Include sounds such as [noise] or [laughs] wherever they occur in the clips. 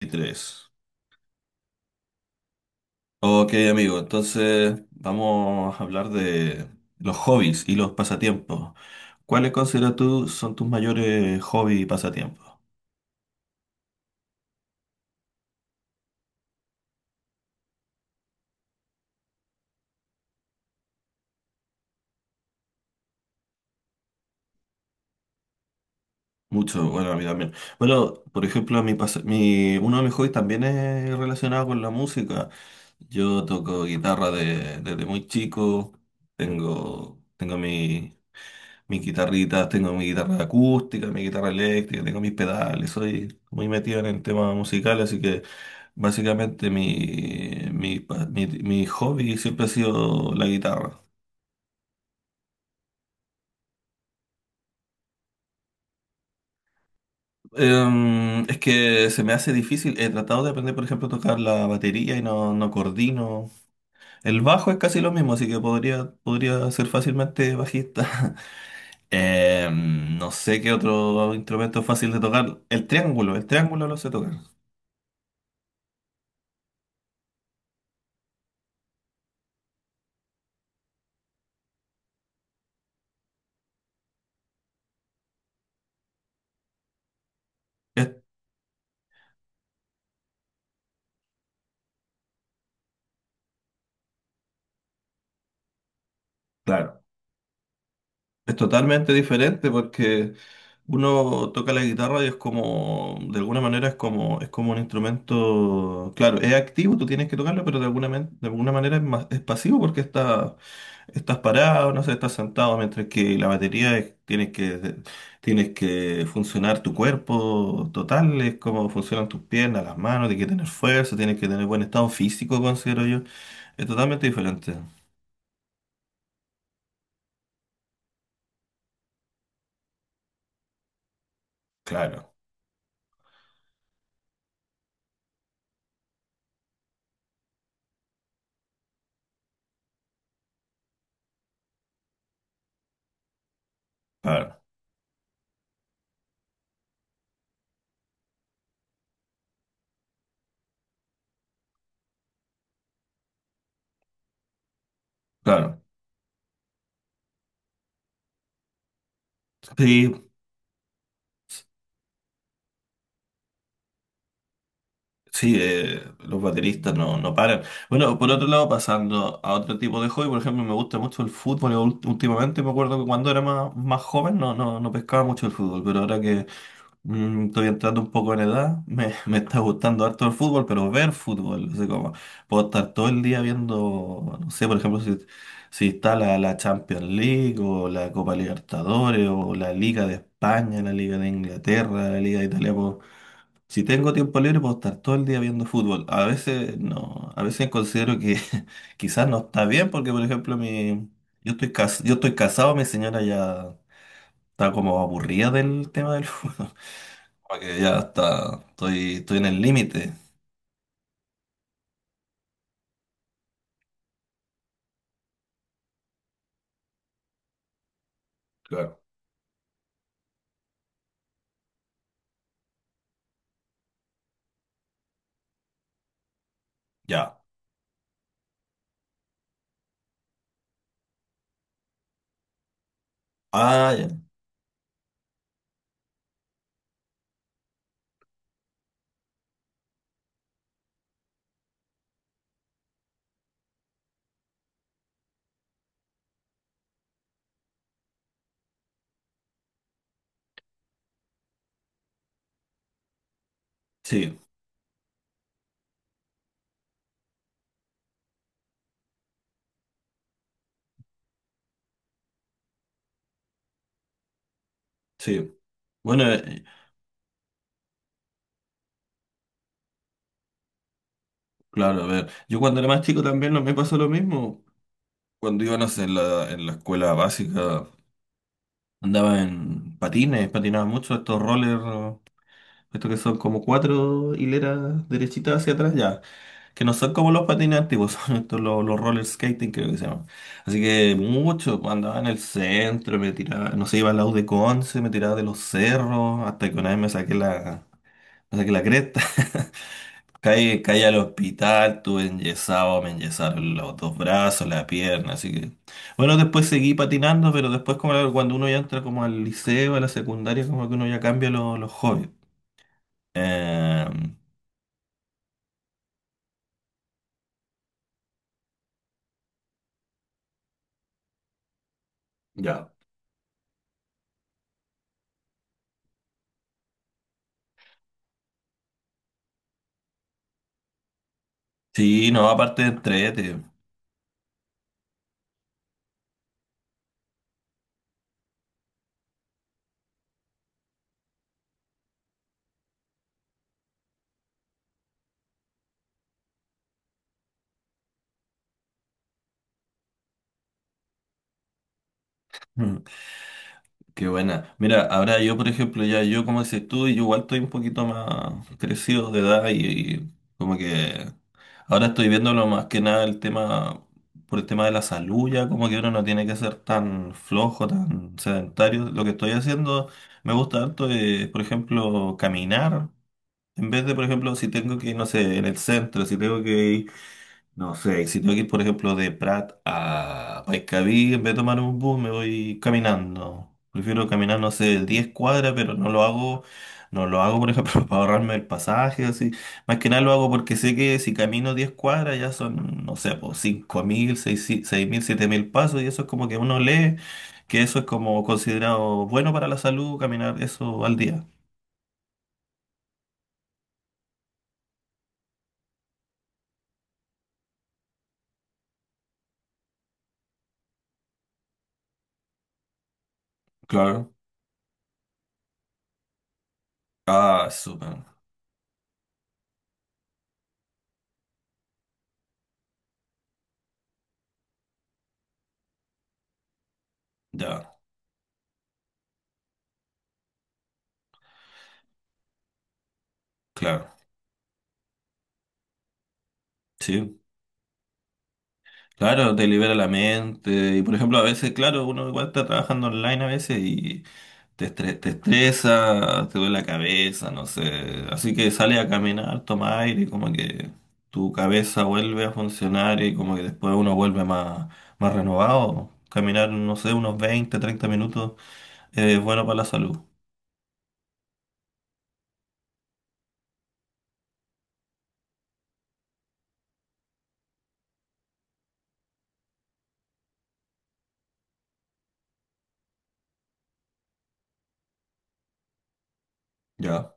23. Ok, amigo, entonces vamos a hablar de los hobbies y los pasatiempos. ¿Cuáles consideras tú son tus mayores hobbies y pasatiempos? Mucho, bueno, a mí también. Bueno, por ejemplo, uno de mis hobbies también es relacionado con la música. Yo toco guitarra desde muy chico. Tengo mis guitarritas, tengo mi guitarra acústica, mi guitarra eléctrica, tengo mis pedales. Soy muy metido en el tema musical, así que. Básicamente mi hobby siempre ha sido la guitarra. Es que se me hace difícil. He tratado de aprender, por ejemplo, a tocar la batería y no, no coordino. El bajo es casi lo mismo, así que podría ser fácilmente bajista. [laughs] No sé qué otro instrumento es fácil de tocar. El triángulo lo sé tocar. Es, claro. Es totalmente diferente porque uno toca la guitarra y es como, de alguna manera es como un instrumento, claro, es activo, tú tienes que tocarlo, pero de alguna manera es, más, es pasivo porque estás parado, no sé, estás sentado, mientras que la batería tienes que funcionar tu cuerpo total, es como funcionan tus piernas, las manos, tienes que tener fuerza, tienes que tener buen estado físico, considero yo. Es totalmente diferente. Claro, claro, claro. Sí. Sí, los bateristas no, no paran. Bueno, por otro lado, pasando a otro tipo de hobby, por ejemplo, me gusta mucho el fútbol. Últimamente me acuerdo que cuando era más joven no, no, no pescaba mucho el fútbol, pero ahora que estoy entrando un poco en edad, me, [laughs] me está gustando harto el fútbol, pero ver fútbol, no sé cómo. Puedo estar todo el día viendo, no sé, por ejemplo, si está la Champions League o la Copa Libertadores o la Liga de España, la Liga de Inglaterra, la Liga de Italia. Si tengo tiempo libre, puedo estar todo el día viendo fútbol. A veces no, a veces considero que [laughs] quizás no está bien, porque por ejemplo, mi, yo estoy cas- yo estoy casado, mi señora ya está como aburrida del tema del fútbol. [laughs] Como que ya estoy en el límite. Claro. Ya. Ah, ya. Sí, sí. Bueno, claro, a ver. Yo cuando era más chico también no me pasó lo mismo. Cuando iba, no sé, en la escuela básica, andaba en patines, patinaba mucho estos rollers. Esto que son como cuatro hileras derechitas hacia atrás, ya. Que no son como los patines antiguos, [laughs] son estos los roller skating, creo que se llaman. Así que mucho, cuando andaba en el centro, me tiraba, no sé, iba al lado de Conce, me tiraba de los cerros, hasta que una vez me saqué la cresta. [laughs] Caí al hospital, tuve enyesado, me enyesaron los dos brazos, la pierna, así que... Bueno, después seguí patinando, pero después como claro, cuando uno ya entra como al liceo, a la secundaria, como que uno ya cambia los hobbies. Em, Ya. Sí, no, aparte de entrete. Mm, Qué buena. Mira, ahora yo, por ejemplo, ya yo, como dices tú, yo igual estoy un poquito más crecido de edad y como que ahora estoy viéndolo más que nada el tema, por el tema de la salud, ya como que uno no tiene que ser tan flojo, tan sedentario. Lo que estoy haciendo me gusta harto, por ejemplo, caminar. En vez de, por ejemplo, si tengo que ir, no sé, en el centro, si tengo que ir. No sé, y si tengo que ir, por ejemplo, de Prat a Paiscaví, en vez de tomar un bus, me voy caminando. Prefiero caminar, no sé, 10 cuadras, pero no lo hago, por ejemplo, [laughs] para ahorrarme el pasaje, así. Más que nada lo hago porque sé que si camino 10 cuadras ya son, no sé, pues 5.000, 6.000 7.000 pasos, y eso es como que uno lee que eso es como considerado bueno para la salud, caminar eso al día. Claro. Ah, súper. Ya, claro. Sí. Claro, te libera la mente. Y por ejemplo, a veces, claro, uno igual está trabajando online a veces y te estresa, te duele la cabeza, no sé. Así que sales a caminar, toma aire, y como que tu cabeza vuelve a funcionar y como que después uno vuelve más renovado. Caminar, no sé, unos 20, 30 minutos es bueno para la salud. Ya.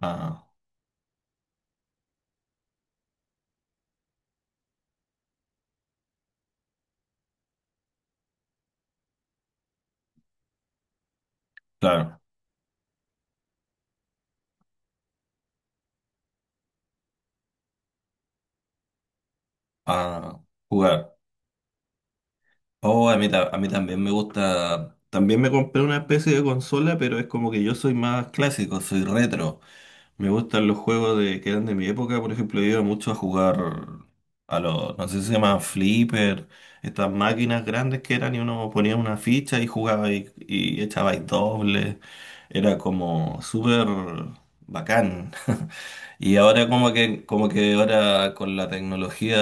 Ah, claro. Ah, jugar. Oh, a mí también me gusta. También me compré una especie de consola, pero es como que yo soy más clásico, soy retro. Me gustan los juegos de, que eran de mi época, por ejemplo, yo iba mucho a jugar a los, no sé si se llaman flipper, estas máquinas grandes que eran y uno ponía una ficha y jugaba y echabais doble. Era como súper bacán. [laughs] Y ahora como que ahora con la tecnología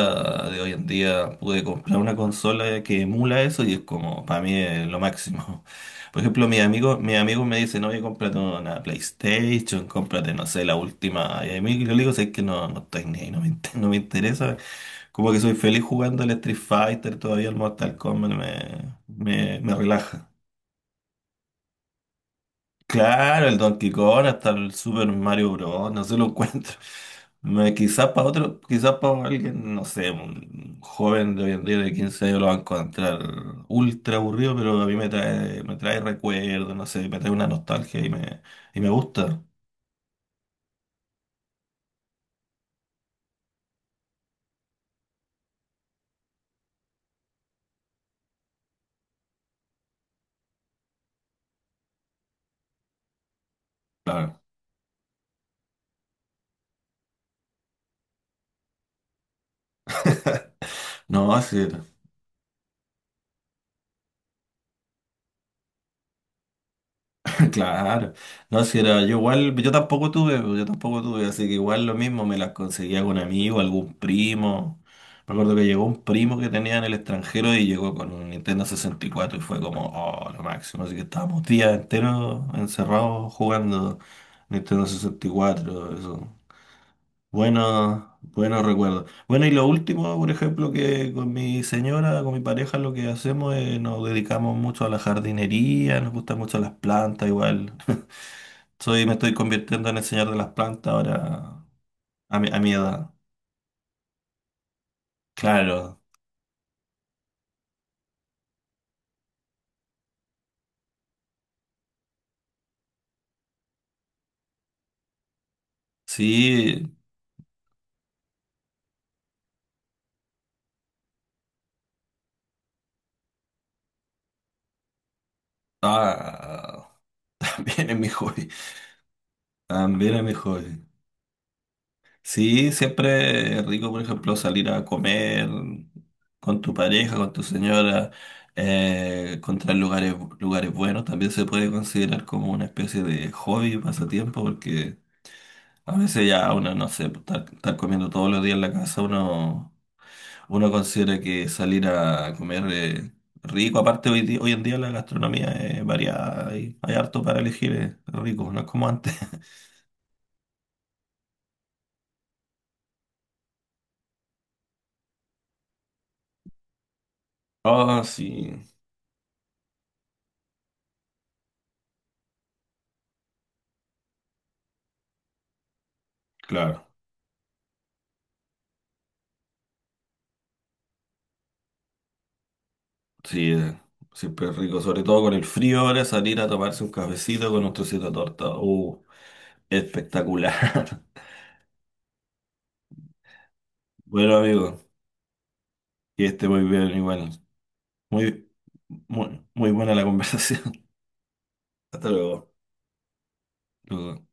de hoy en día pude comprar una consola que emula eso y es como, para mí es lo máximo. Por ejemplo, mis amigos me dicen, oye, cómprate una PlayStation, cómprate, no sé, la última. Y a mí yo le digo, es que no, no estoy ni ahí, no me interesa. Como que soy feliz jugando al Street Fighter, todavía el Mortal Kombat me relaja. Claro, el Donkey Kong hasta el Super Mario Bros. No se lo encuentro. Quizás para otro, quizás para alguien, no sé, un joven de hoy en día de 15 años lo va a encontrar ultra aburrido, pero a mí me trae recuerdos, no sé, me trae una nostalgia y me gusta. Claro. No, sí. [laughs] Claro, no, si era yo igual, yo tampoco tuve, pues, yo tampoco tuve, así que igual lo mismo me las conseguía con amigo, algún primo. Me acuerdo que llegó un primo que tenía en el extranjero y llegó con un Nintendo 64 y cuatro y fue como, oh, lo máximo. Así que estábamos días enteros encerrados jugando Nintendo 64, eso. Bueno, buenos recuerdos. Bueno, y lo último, por ejemplo, que con mi señora, con mi pareja, lo que hacemos es nos dedicamos mucho a la jardinería, nos gustan mucho las plantas, igual. [laughs] Me estoy convirtiendo en el señor de las plantas ahora, a mi edad. Claro, sí. Ah, [laughs] también es mi hobby. También es mi hobby. Sí, siempre es rico, por ejemplo, salir a comer con tu pareja, con tu señora, encontrar lugares, lugares buenos. También se puede considerar como una especie de hobby, pasatiempo, porque a veces ya uno, no sé, pues, estar comiendo todos los días en la casa, uno considera que salir a comer rico. Aparte, hoy en día la gastronomía es variada y hay harto para elegir, es rico, no es como antes. [laughs] Ah, sí, claro. Sí, siempre es rico, sobre todo con el frío ahora, salir a tomarse un cafecito con un trocito de torta. Espectacular. [laughs] Bueno, amigo, que esté muy bien igual. Muy, muy, muy buena la conversación. [laughs] Hasta luego. Luego.